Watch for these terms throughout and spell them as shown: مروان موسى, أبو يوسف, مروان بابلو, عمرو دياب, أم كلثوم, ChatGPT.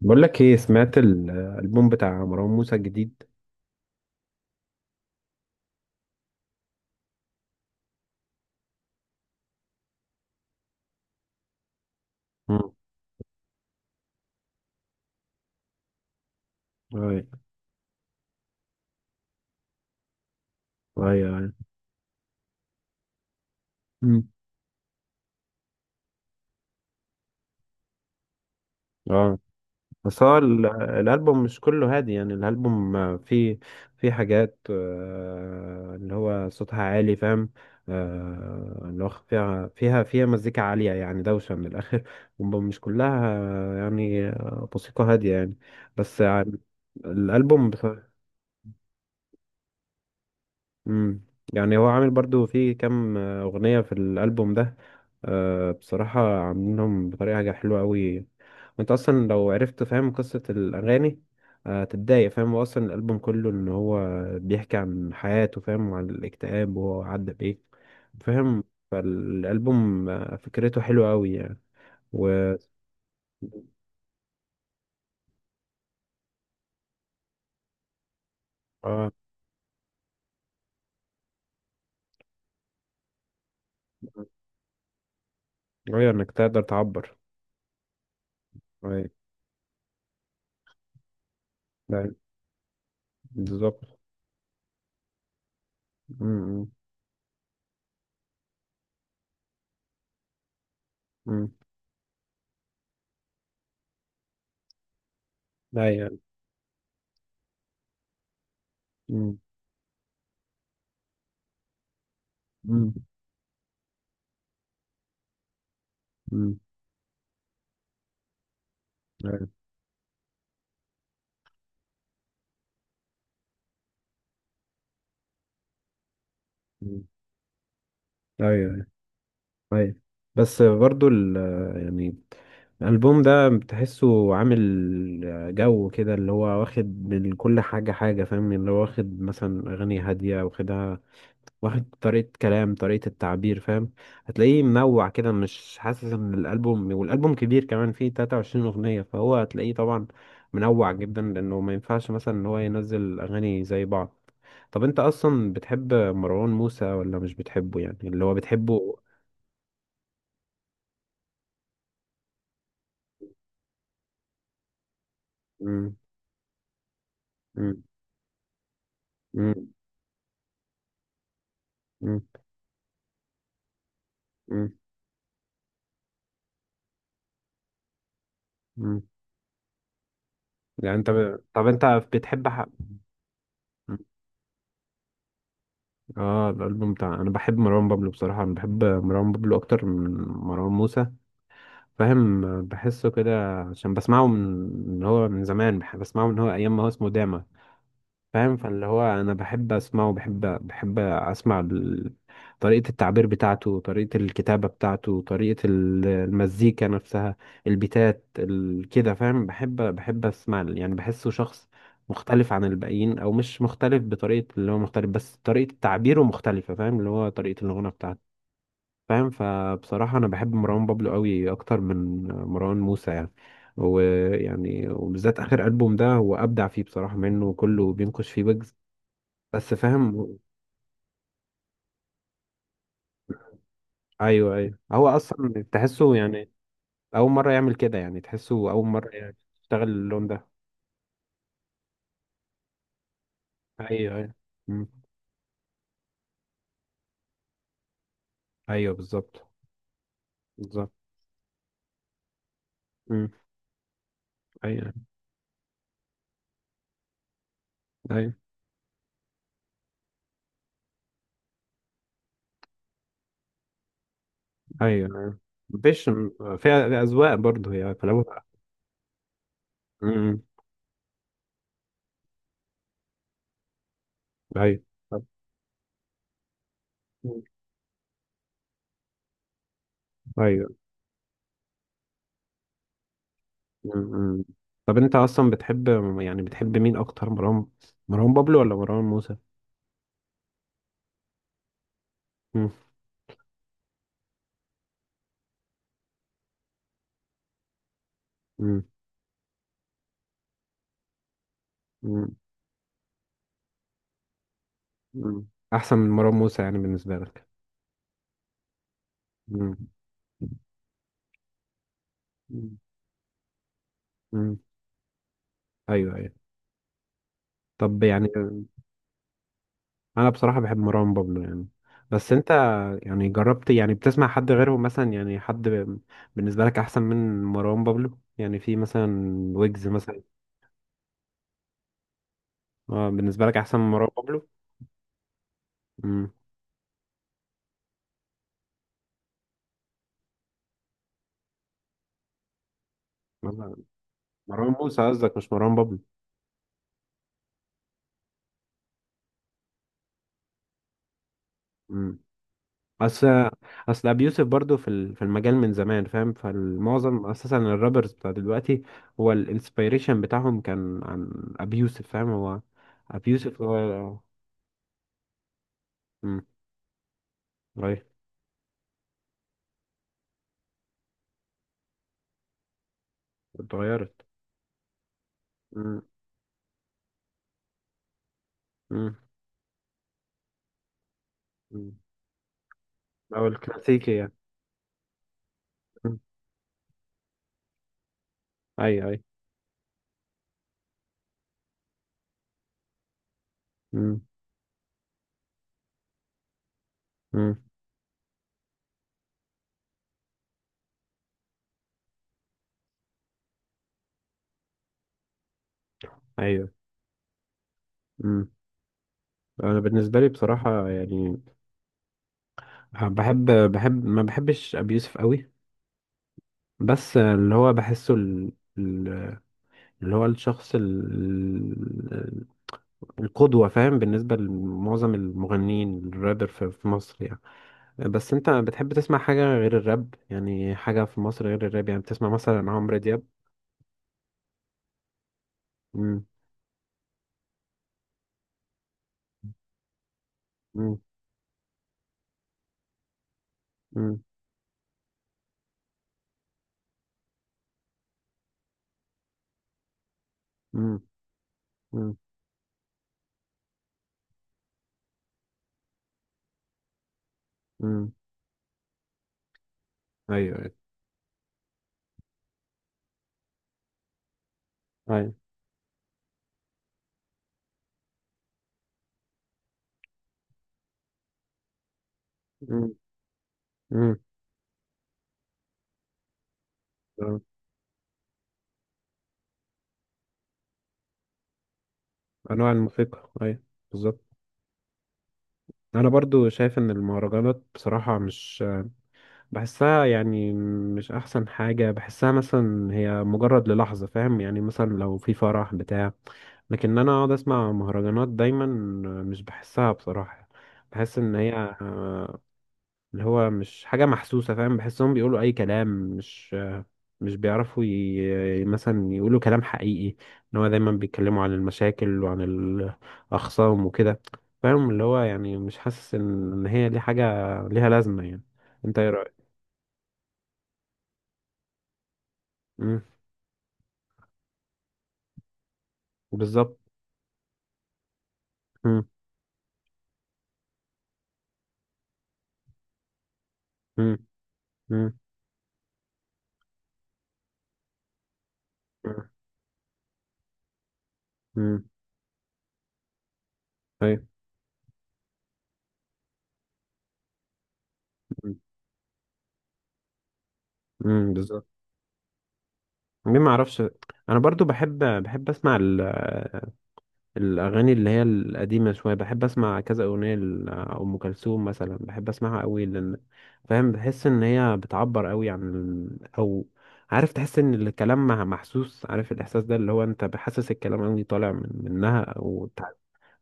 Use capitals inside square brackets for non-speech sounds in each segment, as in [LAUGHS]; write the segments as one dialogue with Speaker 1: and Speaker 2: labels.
Speaker 1: بقول لك ايه، سمعت الالبوم بتاع مروان موسى الجديد؟ امم. اي اي اي. امم. اه. بس هو الالبوم مش كله هادي، يعني الالبوم فيه فيه حاجات اللي هو صوتها عالي فاهم. اللي هو فيها مزيكا عالية، يعني دوشة من الآخر [LAUGHS] ومش كلها يعني موسيقى هادية، يعني بس يعني الألبوم. امم. يعني هو عامل برضو في كام اغنيه في الالبوم ده. بصراحه عاملينهم بطريقه حاجه حلوه قوي، وانت اصلا لو عرفت فاهم قصه الاغاني تتضايق فاهم. هو اصلا الالبوم كله ان هو بيحكي عن حياته، فاهم، وعن الاكتئاب، وهو عدى بايه فاهم. فالالبوم فكرته حلوه قوي يعني و... اه. ايوه انك تقدر تعبر. ايوه. ده- بالظبط. امم. أمم. ايوه. امم امم. أمم. مم. ايوه ايوه. أيوه. بس برضو يعني الالبوم ده بتحسه عامل جو كده، اللي هو واخد من كل حاجه حاجه فاهم، اللي هو واخد مثلا اغاني هاديه واخدها، واخد طريقة كلام، طريقة التعبير فاهم. هتلاقيه منوع كده، مش حاسس ان الألبوم، كبير كمان، فيه 23 أغنية، فهو هتلاقيه طبعا منوع جدا لأنه ما ينفعش مثلا ان هو ينزل أغاني زي بعض. طب انت اصلا بتحب مروان موسى ولا مش بتحبه، يعني اللي هو بتحبه؟ مم. مم. مم. مم. مم. مم. يعني انت طب انت بتحب مم. اه الالبوم بتاع انا بحب مروان بابلو. بصراحة انا بحب مروان بابلو اكتر من مروان موسى فاهم. بحسه كده عشان بسمعه من هو من زمان، بسمعه من هو ايام ما هو اسمه داما فاهم. فاللي هو انا بحب اسمعه، بحب اسمع طريقة التعبير بتاعته، طريقة الكتابة بتاعته، طريقة المزيكا نفسها، البيتات كده فاهم. بحب اسمع يعني بحسه شخص مختلف عن الباقيين، او مش مختلف بطريقة، اللي هو مختلف بس طريقة تعبيره مختلفة فاهم، اللي هو طريقة الغنى بتاعته فاهم. فبصراحة أنا بحب مروان بابلو قوي أكتر من مروان موسى يعني. وبالذات آخر ألبوم ده هو أبدع فيه بصراحة، منه وكله بينقش فيه ويجز بس فاهم. أيوه أيوه. هو أصلا تحسه يعني أول مرة يعمل كده، يعني تحسه أول مرة يعني يشتغل اللون ده. أيوه أيوه. مم. أيوه بالظبط. بالظبط. مم. أيوه أيوه أيوه. مفيش. فيها أذواق برضه، هي في الأول. مم. أيوه أيوه. مم. طب انت اصلا بتحب، يعني بتحب مين اكتر، مروان بابلو ولا مروان موسى؟ مم. مم. مم. مم. احسن من مروان موسى يعني بالنسبه لك؟ مم. مم. مم. ايوه ايوه. طب يعني انا بصراحه بحب مروان بابلو يعني، بس انت يعني جربت، يعني بتسمع حد غيرهم مثلا، يعني حد بالنسبه لك احسن من مروان بابلو يعني، في مثلا ويجز مثلا؟ اه بالنسبه لك احسن من مروان بابلو. مم. مروان موسى قصدك مش مروان بابلو. اصل اصل ابي يوسف برضه في المجال من زمان فاهم، فالمعظم اساسا الرابرز بتاع دلوقتي هو الانسبيريشن بتاعهم كان عن ابي يوسف فاهم، هو ابي يوسف هو. امم. غير اتغيرت. امم امم. أمم. او الكلاسيكي يعني. أمم. اي اي. امم امم. ايوه. امم. انا بالنسبه لي بصراحه يعني بحب بحب ما بحبش ابي يوسف قوي، بس اللي هو بحسه ال- اللي هو الشخص القدوة فاهم بالنسبة لمعظم المغنيين الرابر في مصر يعني. بس انت بتحب تسمع حاجة غير الراب، يعني حاجة في مصر غير الراب، يعني بتسمع مثلا عمرو دياب؟ مم. مم. مم. مم. مم. مم. ايوه ايوه ايوه. مم. مم. آه. انواع الموسيقى. ايوه بالظبط. انا برضو شايف ان المهرجانات بصراحة مش بحسها، يعني مش احسن حاجة. بحسها مثلا هي مجرد للحظة فاهم، يعني مثلا لو في فرح بتاع، لكن انا اقعد اسمع مهرجانات دايما، مش بحسها بصراحة. بحس ان هي آه، اللي هو مش حاجة محسوسة فاهم، بحسهم بيقولوا اي كلام، مش مش بيعرفوا مثلا يقولوا كلام حقيقي، ان هو دايما بيتكلموا عن المشاكل وعن الاخصام وكده فاهم، اللي هو يعني مش حاسس إن هي دي حاجة ليها لازمة يعني. انت ايه رأيك؟ بالظبط. مم. مم. مم. مم. مم. أيوة. مم. مم. بالظبط. ليه ما اعرفش. انا برضو بحب اسمع الاغاني اللي هي القديمه شويه، بحب اسمع كذا اغنيه لام كلثوم مثلا، بحب اسمعها قوي لان فاهم. بحس ان هي بتعبر قوي عن او عارف تحس ان الكلام محسوس، عارف الاحساس ده، اللي هو انت بحسس الكلام قوي طالع منها،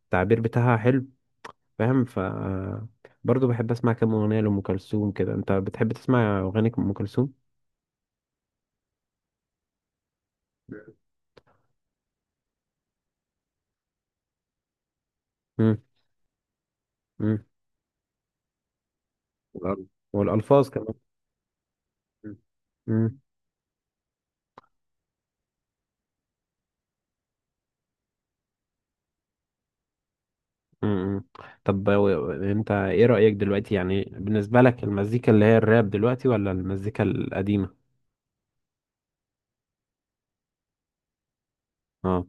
Speaker 1: والتعبير بتاعها حلو فاهم برضه بحب اسمع كام اغنيه لام كلثوم كده. انت بتحب تسمع اغاني ام كلثوم؟ امم امم. والأرض. والالفاظ كمان. امم امم. طب انت ايه رايك دلوقتي، يعني بالنسبه لك المزيكا اللي هي الراب دلوقتي ولا المزيكا القديمه؟ اه.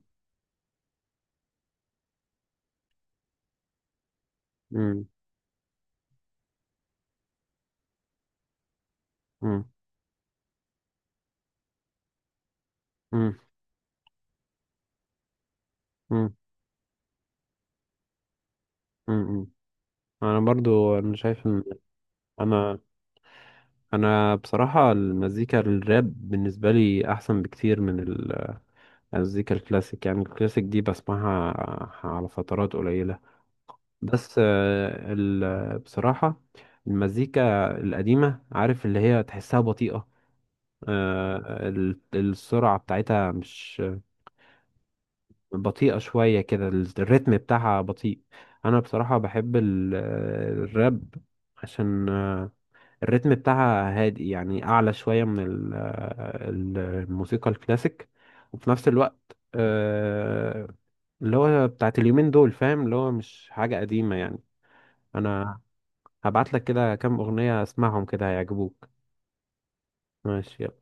Speaker 1: امم. امم. امم. امم. امم. انا برضو شايف ان انا انا بصراحه المزيكا الراب بالنسبه لي احسن بكتير من المزيكا الكلاسيك، يعني الكلاسيك دي بسمعها على فترات قليلة. بس بصراحة المزيكا القديمة عارف اللي هي تحسها بطيئة، السرعة بتاعتها مش بطيئة شوية كده، الريتم بتاعها بطيء. أنا بصراحة بحب الراب عشان الريتم بتاعها هادئ، يعني اعلى شويه من الموسيقى الكلاسيك، وفي نفس الوقت اللي هو بتاعت اليومين دول فاهم، اللي هو مش حاجه قديمه يعني. انا هبعت لك كده كام اغنيه اسمعهم كده هيعجبوك. ماشي يلا.